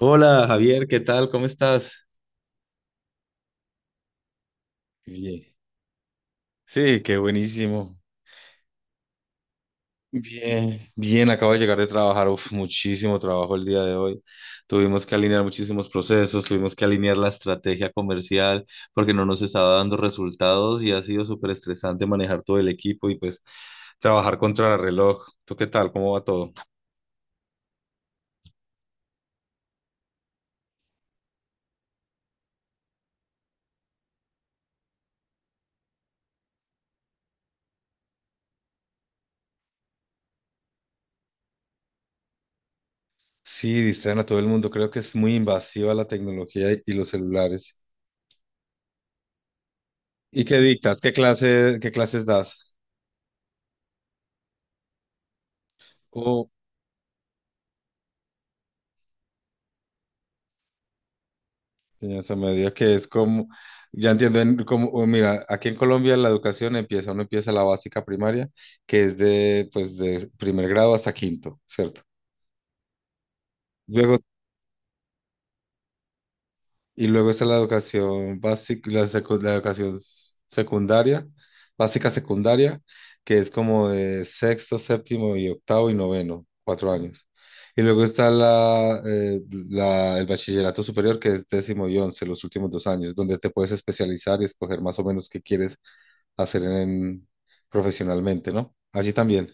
Hola Javier, ¿qué tal? ¿Cómo estás? Bien. Sí, qué buenísimo. Bien, bien, acabo de llegar de trabajar, uf, muchísimo trabajo el día de hoy. Tuvimos que alinear muchísimos procesos, tuvimos que alinear la estrategia comercial porque no nos estaba dando resultados y ha sido súper estresante manejar todo el equipo y pues trabajar contra el reloj. ¿Tú qué tal? ¿Cómo va todo? Sí, distraen a todo el mundo. Creo que es muy invasiva la tecnología y los celulares. ¿Y qué dictas? ¿ qué clases das? Enseñanza media, que es como, ya entiendo, como, o mira, aquí en Colombia la educación empieza, uno empieza la básica primaria, que es de, pues, de primer grado hasta quinto, ¿cierto? Luego, y luego está la educación básica, la educación secundaria, básica secundaria, que es como de sexto, séptimo y octavo y noveno, 4 años. Y luego está el bachillerato superior, que es décimo y once, los últimos 2 años, donde te puedes especializar y escoger más o menos qué quieres hacer en, profesionalmente, ¿no? Allí también.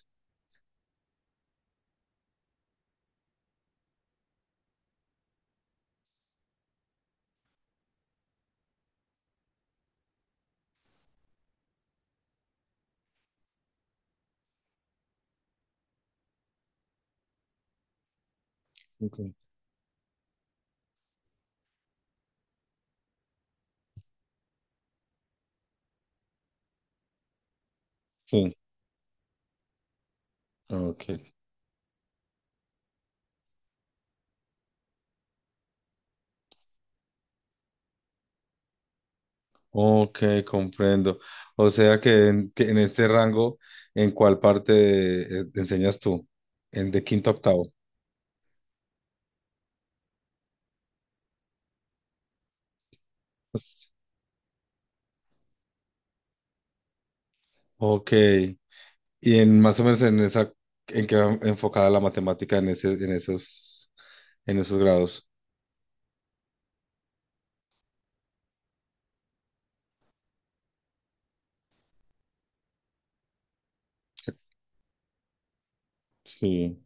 Ok. Sí, ok. Ok, comprendo. O sea que en este rango, ¿en cuál parte enseñas tú? En de quinto a octavo. Pues, ok. Y en más o menos en esa, ¿en qué va enfocada la matemática en esos grados? Sí,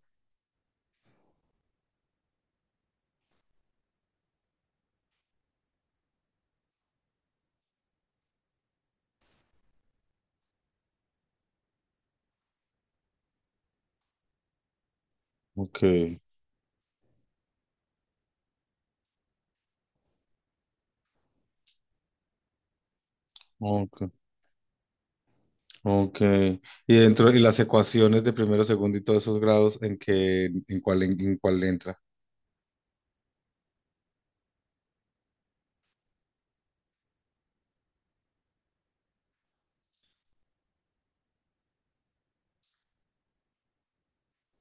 ok, ok, ok. Y dentro, y las ecuaciones de primero, segundo y todos esos grados, ¿en qué, en cuál entra?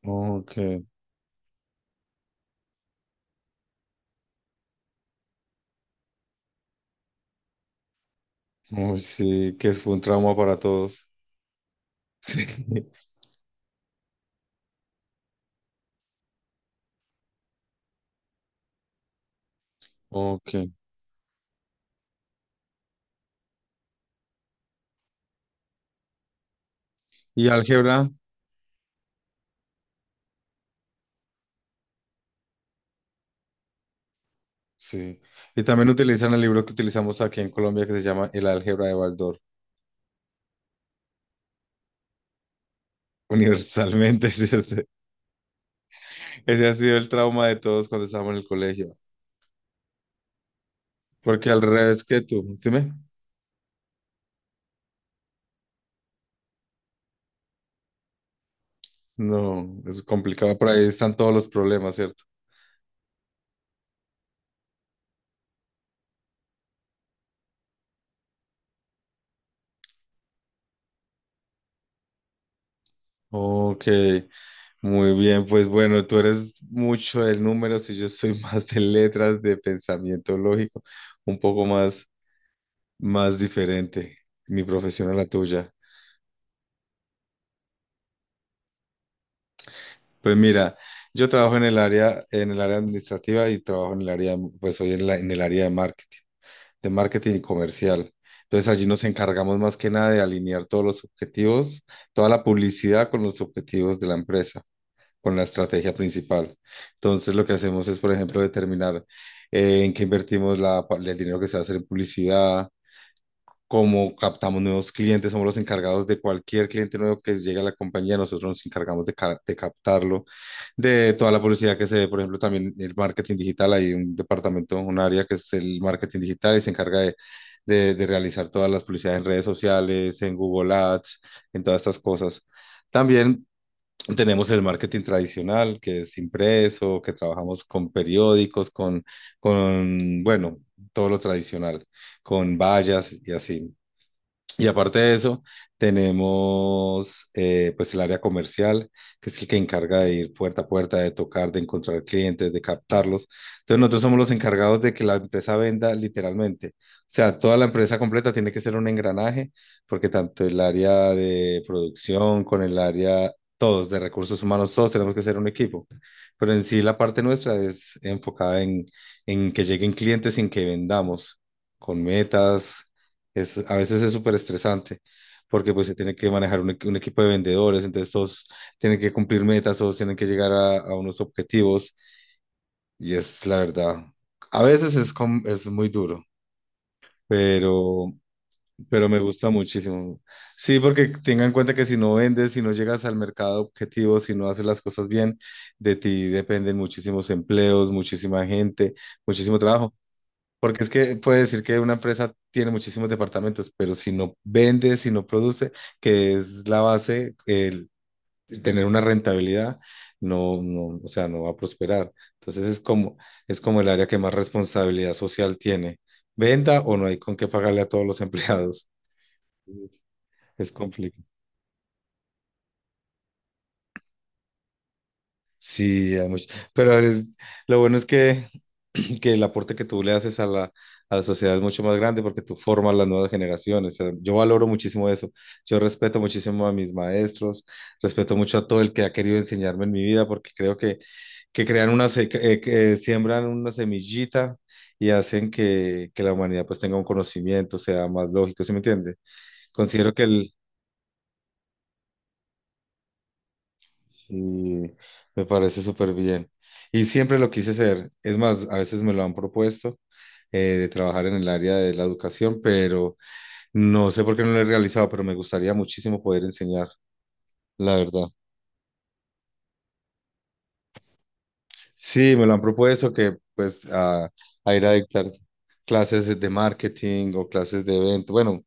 Ok, oh, sí, que fue un trauma para todos. Sí, ok. ¿Y álgebra? Sí. Y también utilizan el libro que utilizamos aquí en Colombia que se llama El álgebra de Baldor. Universalmente, ¿cierto? Ese ha sido el trauma de todos cuando estábamos en el colegio. Porque al revés que tú, dime. No, es complicado, por ahí están todos los problemas, ¿cierto? Ok, muy bien, pues bueno, tú eres mucho de números y yo soy más de letras, de pensamiento lógico, un poco más. Más diferente, mi profesión a la tuya. Pues mira, yo trabajo en el área administrativa y trabajo en el área, en el área de marketing, y comercial. Entonces allí nos encargamos más que nada de alinear todos los objetivos, toda la publicidad con los objetivos de la empresa, con la estrategia principal. Entonces lo que hacemos es, por ejemplo, determinar en qué invertimos el dinero que se va a hacer en publicidad. Como captamos nuevos clientes, somos los encargados de cualquier cliente nuevo que llegue a la compañía, nosotros nos encargamos de captarlo, de toda la publicidad que se ve, por ejemplo, también el marketing digital, hay un departamento, un área que es el marketing digital y se encarga de realizar todas las publicidades en redes sociales, en Google Ads, en todas estas cosas. También tenemos el marketing tradicional, que es impreso, que trabajamos con periódicos, bueno, todo lo tradicional, con vallas y así. Y aparte de eso, tenemos pues el área comercial, que es el que encarga de ir puerta a puerta, de tocar, de encontrar clientes, de captarlos. Entonces nosotros somos los encargados de que la empresa venda literalmente. O sea, toda la empresa completa tiene que ser un engranaje, porque tanto el área de producción con el área, todos de recursos humanos, todos tenemos que ser un equipo. Pero en sí la parte nuestra es enfocada en que lleguen clientes sin que vendamos, con metas es, a veces es súper estresante porque pues se tiene que manejar un equipo de vendedores, entonces todos tienen que cumplir metas, todos tienen que llegar a unos objetivos y es la verdad. A veces es, es muy duro, pero, pero me gusta muchísimo. Sí, porque tenga en cuenta que si no vendes, si no llegas al mercado objetivo, si no haces las cosas bien, de ti dependen muchísimos empleos, muchísima gente, muchísimo trabajo. Porque es que puede decir que una empresa tiene muchísimos departamentos, pero si no vende, si no produce, que es la base, el tener una rentabilidad, no, no, o sea, no va a prosperar. Entonces es como el área que más responsabilidad social tiene. Venda o no hay con qué pagarle a todos los empleados. Es complicado. Sí, hay mucho. Pero el- lo bueno es que, que el aporte que tú le haces a la sociedad es mucho más grande porque tú formas las nuevas generaciones. O sea, yo valoro muchísimo eso. Yo respeto muchísimo a mis maestros, respeto mucho a todo el que ha querido enseñarme en mi vida porque creo que crean una, que siembran una semillita y hacen que la humanidad pues tenga un conocimiento, sea más lógico, ¿sí me entiende? Considero que el sí, me parece súper bien. Y siempre lo quise hacer. Es más, a veces me lo han propuesto de trabajar en el área de la educación, pero no sé por qué no lo he realizado, pero me gustaría muchísimo poder enseñar, la verdad. Sí, me lo han propuesto que pues a ir a dictar clases de marketing o clases de evento, bueno,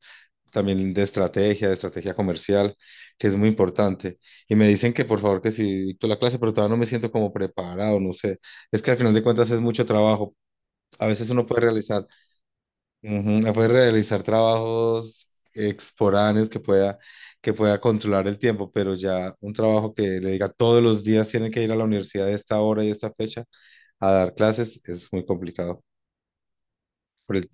también de estrategia comercial, que es muy importante. Y me dicen que por favor que si dicto la clase, pero todavía no me siento como preparado, no sé. Es que al final de cuentas es mucho trabajo. A veces uno puede realizar, ujú, puede realizar trabajos exporáneos que pueda controlar el tiempo, pero ya un trabajo que le diga todos los días tienen que ir a la universidad a esta hora y esta fecha a dar clases es muy complicado. por el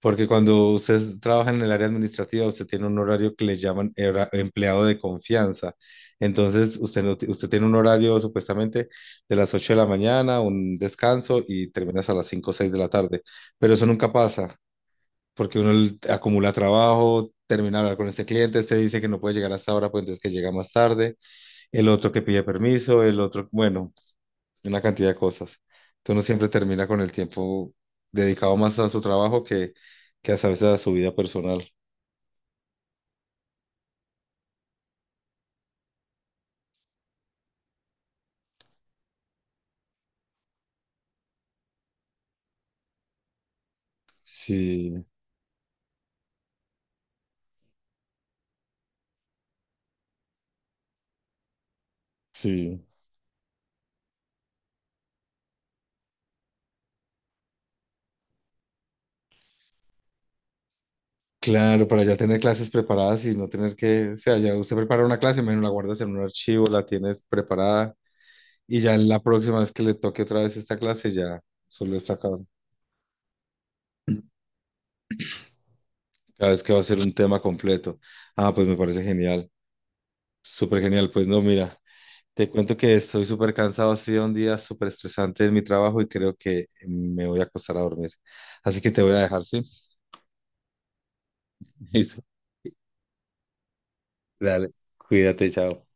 Porque cuando usted trabaja en el área administrativa, usted tiene un horario que le llaman empleado de confianza. Entonces, usted, no ti- usted tiene un horario supuestamente de las 8 de la mañana, un descanso y terminas a las 5 o 6 de la tarde. Pero eso nunca pasa, porque acumula trabajo, termina de hablar con este cliente, este dice que no puede llegar hasta ahora, pues entonces que llega más tarde, el otro que pide permiso, el otro, bueno, una cantidad de cosas. Entonces uno siempre termina con el tiempo dedicado más a su trabajo que a veces a su vida personal. Sí, sí. Claro, para ya tener clases preparadas y no tener que, o sea, ya usted prepara una clase, imagino la guardas en un archivo, la tienes preparada y ya en la próxima vez que le toque otra vez esta clase ya solo está acá, cada vez que va a ser un tema completo. Ah, pues me parece genial, súper genial, pues no, mira. Te cuento que estoy súper cansado, ha sido un día súper estresante en mi trabajo y creo que me voy a acostar a dormir. Así que te voy a dejar, ¿sí? Listo. Dale, cuídate, chao.